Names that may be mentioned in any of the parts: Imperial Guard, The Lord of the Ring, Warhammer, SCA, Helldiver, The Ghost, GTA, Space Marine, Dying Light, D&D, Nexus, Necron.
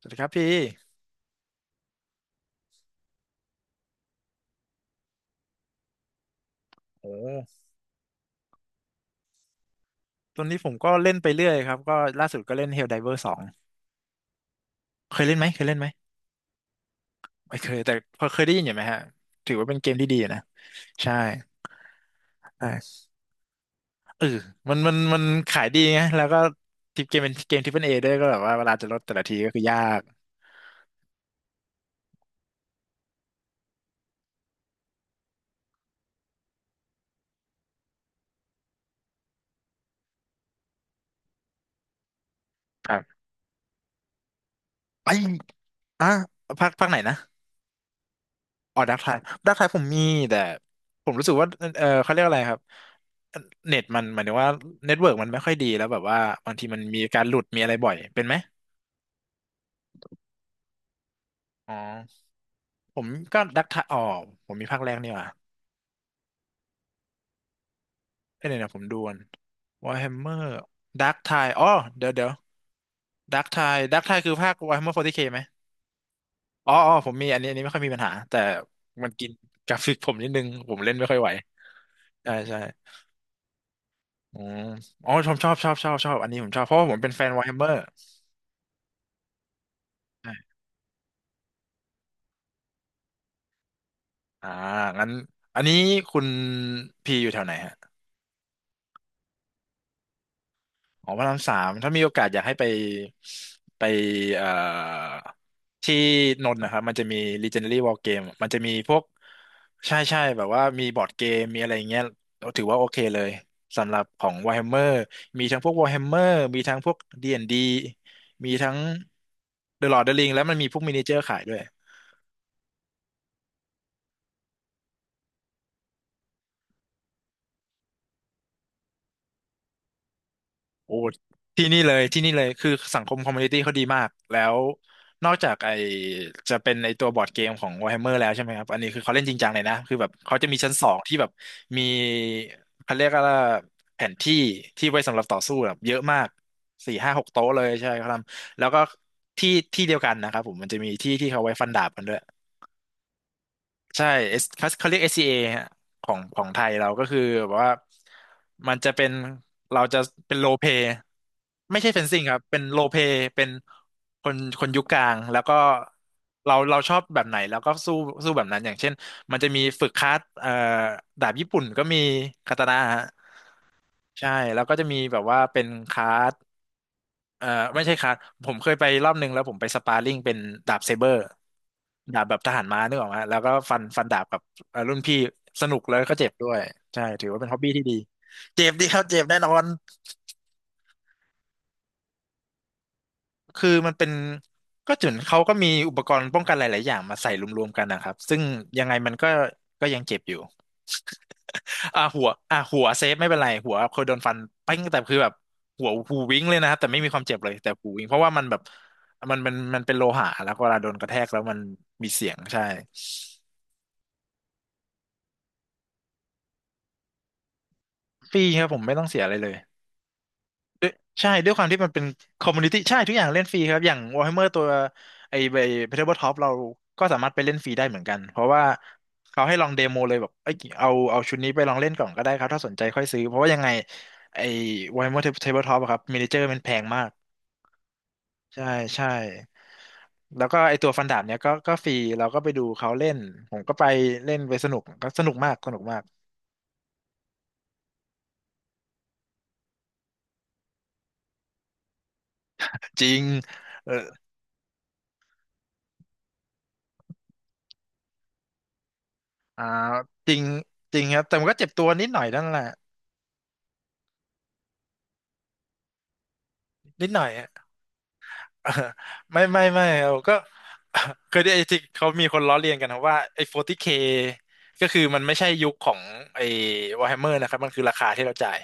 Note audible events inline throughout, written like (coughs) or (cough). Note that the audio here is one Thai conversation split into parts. สวัสดีครับพี่โอ้ตอนนี้ผมก็เล่นไปเรื่อยครับ ก็ล่าสุดก็เล่น Helldiver สองเคยเล่นไหมเคยเล่นไหมไม่เคย แต่พอเคยได้ยินอยู่ไหมฮะถือว่าเป็นเกมที่ดีอยู่นะ ใช่ใช่เออมันขายดีไงแล้วก็ทิปเกมเป็นเกมทิปเปิลเอด้วยก็แบบว่าเวลาจะลดแต่ละทีก็คือยากครับไอ้อ่ะภาคไหนนะอ๋อดักไทายดักไทายผมมีแต่ผมรู้สึกว่าเออเขาเรียกอะไรครับเน็ตมันหมายถึงว่าเน็ตเวิร์กมันไม่ค่อยดีแล้วแบบว่าบางทีมันมีการหลุดมีอะไรบ่อยเป็นไหมอ๋อ ผมก็ดักทายอ๋อผมมีภาคแรกนี่หว่ะเอ้ยเนี่ยวนะผมดูก่อนวอ r แฮมเมอร์ดักทายอ๋อเดี๋ยวเดี๋ยวดักทายดักทายคือภาควอ r แฮมเมอร์4เคไหมอ๋ออ๋อผมมีอันนี้อันนี้ไม่ค่อยมีปัญหาแต่มันกินกราฟิกผมนิดนึงผมเล่นไม่ค่อยไหวใช่ใช่อืมอ๋อผมบชอบอันนี้ผมชอบเพราะว่าผมเป็นแฟนวอ r แฮมเมอร์อ่างั้นอันนี้คุณพีอยู่แถวไหนฮะ อ๋อพระรามสามถ้ามีโอกาสอยากให้ไปไปเอ่อที่นนท์นะครับมันจะมี Legendary War Game มันจะมีพวกใช่ใช่แบบว่ามีบอร์ดเกม มีอะไรอย่างเงี้ยเราถือว่าโอเคเลยสำหรับของ Warhammer มีทั้งพวก Warhammer มีทั้งพวก D&D มีทั้ง The Lord of the Ring แล้วมันมีพวกมินิเจอร์ขายด้วย โอ้ที่นี่เลยที่นี่เลยคือสังคมคอมมูนิตี้เขาดีมากแล้วนอกจากไอจะเป็นในตัวบอร์ดเกมของ Warhammer แล้วใช่ไหมครับอันนี้คือเขาเล่นจริงจังเลยนะคือแบบเขาจะมีชั้นสองที่แบบมีเขาเรียกว่าแผนที่ที่ไว้สำหรับต่อสู้แบบเยอะมากสี่ห้าหกโต๊ะเลยใช่เขาทำแล้วก็ที่ที่เดียวกันนะครับผมมันจะมีที่ที่เขาไว้ฟันดาบกันด้วย ใช่ S เขาเขาเรียก SCA ฮะของของไทยเราก็คือแบบว่ามันจะเป็นเราจะเป็นโลเ a ไม่ใช่เฟนซิ่งครับเป็นโลเ a เป็นคนคนยุคกลางแล้วก็เราชอบแบบไหนแล้วก็สู้สู้แบบนั้นอย่างเช่นมันจะมีฝึกคัดดาบญี่ปุ่นก็มีคาตานะฮะใช่แล้วก็จะมีแบบว่าเป็นคัด เอ่อไม่ใช่คัดผมเคยไปรอบนึงแล้วผมไปสปาร์ริ่งเป็นดาบเซเบอร์ดาบแบบทหารม้านึกออกไหมแล้วก็ฟันดาบกับรุ่นพี่สนุกแล้วก็เจ็บด้วยใช่ถือว่าเป็นฮอบบี้ที่ดีเจ็บดีครับเจ็บแน่นอนคือมันเป็นก็จุนเขาก็มีอุปกรณ์ป้องกันหลายๆอย่างมาใส่รวมๆกันนะครับซึ่งยังไงมันก็ยังเจ็บอยู่ อ่าหัวอ่าหัวเซฟไม่เป็นไรหัวเคยโดนฟันปิ้งแต่คือแบบหัวหูวิ้งเลยนะครับแต่ไม่มีความเจ็บเลยแต่หูวิ้งเพราะว่ามันแบบมันเป็นโลหะแล้วเวลาโดนกระแทกแล้วมันมีเสียงใช่ฟรีครับผมไม่ต้องเสียอะไรเลยด้วยใช่ด้วยความที่มันเป็นคอมมูนิตี้ใช่ทุกอย่างเล่นฟรีครับอย่าง Warhammer ตัวไอ้ Tabletop เราก็สามารถไปเล่นฟรีได้เหมือนกันเพราะว่าเขาให้ลองเดโมเลยแบบเอ้ยเอาชุดนี้ไปลองเล่นก่อนก็ได้ครับถ้าสนใจค่อยซื้อเพราะว่ายังไงไอ้ Warhammer Tabletop อะครับมินิเจอร์มันแพงมาก ใช่ใช่แล้วก็ไอตัวฟันดาบเนี้ยก็ฟรีเราก็ไปดูเขาเล่นผมก็ไปเล่นไปสนุกก็สนุกมากสนุกมากจริงเอออ่าจริงจริงครับแต่มันก็เจ็บตัวนิดหน่อยนั่นแหละนิดหน่อยอะ (laughs) ไม่ไม่เราก็ (coughs) (laughs) เคยได้ไอ้ที่เขามีคนล้อเลียนกันนะว่าไอ้ 40K ก็คือมันไม่ใช่ยุคของไอ้ Warhammer นะครับมันคือราคาที่เราจ่าย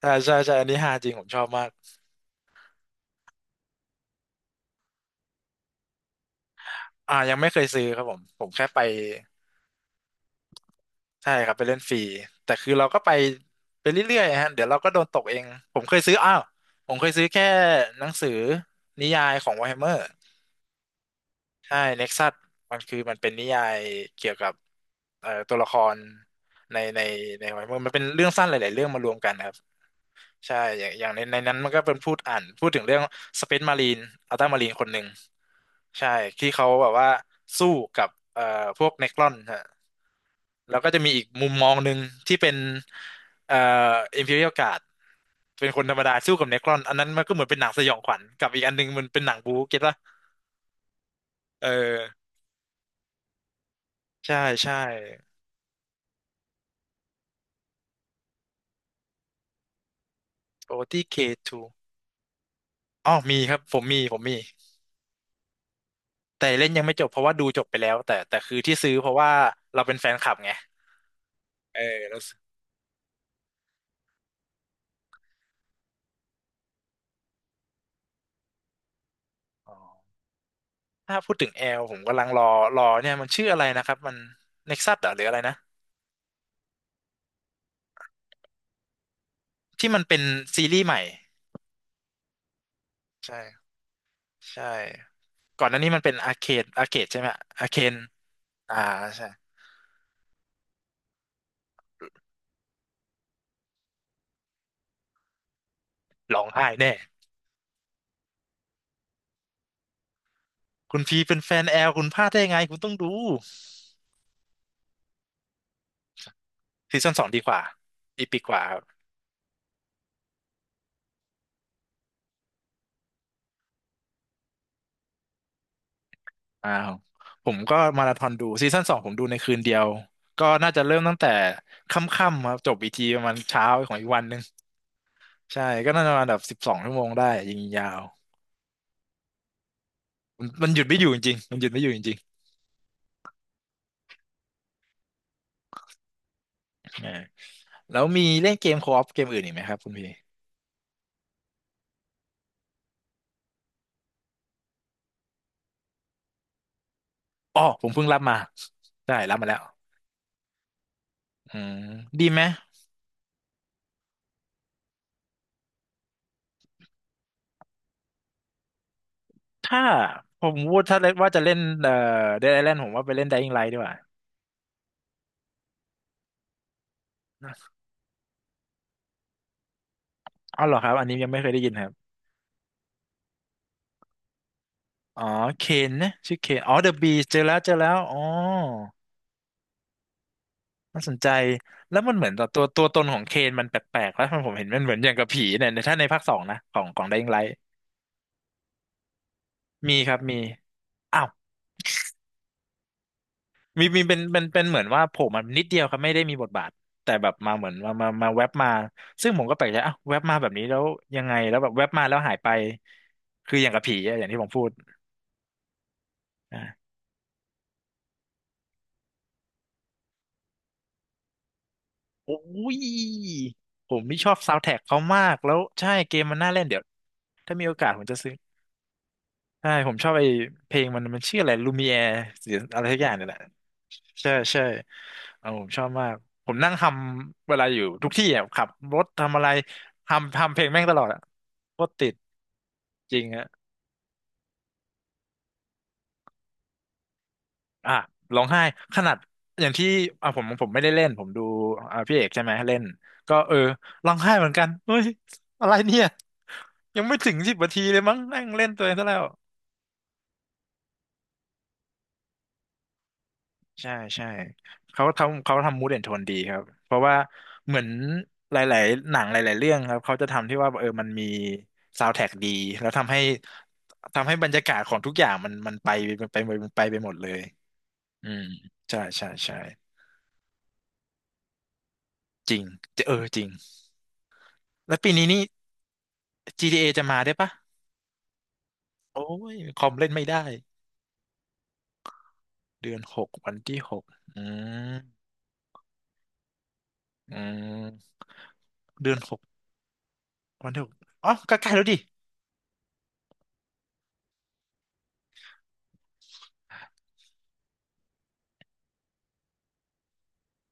ใช่ใช่ใช่อันนี้ฮาจริงผมชอบมากอ่ายังไม่เคยซื้อครับผมแค่ไป ใช่ครับไปเล่นฟรีแต่คือเราก็ไปไปเรื่อยๆฮะเดี๋ยวเราก็โดนตกเองผมเคยซื้ออ้าวผมเคยซื้อแค่หนังสือนิยายของ Warhammer ใช่ Nexus มันคือมันเป็นนิยายเกี่ยวกับตัวละครในในใน Warhammer มันเป็นเรื่องสั้นหลายๆเรื่องมารวมกันครับใช่อย่างอย่างในนั้นมันก็เป็นพูดอ่านพูดถึงเรื่อง Space Marine อัลต้ามารีนคนหนึ่งใช่ที่เขาแบบว่าสู้กับพวกเนครอน แล้วก็จะมีอีกมุมมองหนึ่งที่เป็นเอ่อ Imperial Guard เป็นคนธรรมดาสู้กับเนครอนอันนั้นมันก็เหมือนเป็นหนังสยองขวัญกับอีกอันหนึงมันเป็นหนังบู๊เก็ตป่ะเออใช่ใช่โอทีเคทูอ๋อมีครับผมมีผมมีแต่เล่นยังไม่จบเพราะว่าดูจบไปแล้วแต่คือที่ซื้อเพราะว่าเราเป็นแฟนคลับไงเออแล้วซื้ออ๋อถ้าพูดถึงแอลผมกำลังรอรอเนี่ยมันชื่ออะไรนะครับมันเน็กซัสหรืออะไรนะที่มันเป็นซีรีส์ใหม่ใช่ใช่ ก่อนหน้านี้มันเป็นอาร์เคดใช่ไหมอาร์เคนอ่าใช่ร้องไห้แน่คุณพีเป็นแฟนแอลคุณพลาดได้ยังไงคุณต้องดูซีซั่นสองดีกว่าอีปีกว่าครับอ้าวผมก็มาราธอนดูซีซั่นสองผมดูในคืนเดียวก็น่าจะเริ่มตั้งแต่ค่ำๆครับจบอีกทีประมาณเช้าของอีกวันหนึ่งใช่ก็น่าจะประมาณแบบสิบสองชั่วโมงได้ยิงยาวมันหยุดไม่อยู่จริงๆมันหยุดไม่อยู่จริงๆเออแล้วมีเล่นเกมโคออฟเกมอื่นอีกไหมครับคุณพี่อ๋อผมเพิ่งรับมาได้รับมาแล้วอืมดีไหม ถ้าผมพูดถ้าเล่นว่าจะเล่นเดดไอแลนด์ผมว่าไปเล่น Dying Light ดีกว่าอ๋อเหรอครับอันนี้ยังไม่เคยได้ยินครับอ๋อเคนนะชื่อเคนอ๋อเดอะบีเจอแล้วเจอแล้วอ๋อน่าสนใจแล้วมันเหมือนตัวตนของเคนมันแปลกๆแล้วผมเห็นมันเหมือนอย่างกับผีเนี่ยในถ้าในภาคสองนะของ Dying Light มีครับมี มีมีเป็นเหมือนว่าโผล่มานิดเดียวครับไม่ได้มีบทบาทแต่แบบมาเหมือนมาแว็บมาซึ่งผมก็แปลกใจอ้าวแว็บมาแบบนี้แล้วยังไงแล้วแบบแว็บมาแล้วหายไปคืออย่างกับผีอะอย่างที่ผมพูดอ่ะโอ้ยผมนี่ชอบซาว n d แท a ็กเขามากแล้วใช่เกมมันน่าเล่นเดี๋ยวถ้ามีโอกาสผมจะซื้อ ใช่ผมชอบไอ้เพลงมันชื่ออะไรลูมิแอร์หรืออะไรสักอย่างเนี่ยแหละใช่ใช่เออผมชอบมากผมนั่งทำเวลาอยู่ทุกที่อ่ะขับรถทำอะไรทำเพลงแม่งตลอดอ่ะโคตรติดจริงอ่ะอ่ะร้องไห้ขนาดอย่างที่อ่ะผมผมไม่ได้เล่นผมดูอ่ะพี่เอกใช่ไหมเล่นก็เออร้องไห้เหมือนกันเฮ้ยอะไรเนี่ยยังไม่ถึงสิบนาทีเลยมั้งนั่งเล่นตัวเองซะแล้ว ใช่ใช่เขาทำมูดแอนโทนดีครับเพราะว่าเหมือนหลายๆหนังหลายๆเรื่องครับเขาจะทำที่ว่าเออมันมีซาว n d t ท a c k ดีแล้วทำให้บรรยากาศของทุกอย่างมันไปมันไปมันไปไปหมดเลยอืมใช่ใช่ใช่จริงเออจริงแล้วปีนี้นี่ GTA จะมาได้ปะโอ้ยคอมเล่นไม่ได้เดือนหกวันที่หกอืมอืมเดือนหกวันที่หกอ๋อก็ใกล้ๆแล้วดิ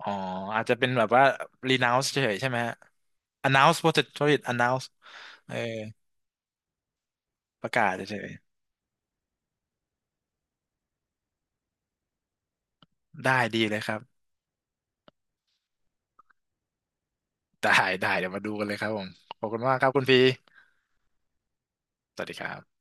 อ๋ออาจจะเป็นแบบว่า renounce เฉยๆใช่ไหมฮะ announce ภาษาอังกฤษ announce เออประกาศเฉยๆได้ดีเลยครับได้ได้เดี๋ยวมาดูกันเลยครับผมขอบคุณมากครับคุณพีสวัสดีครับ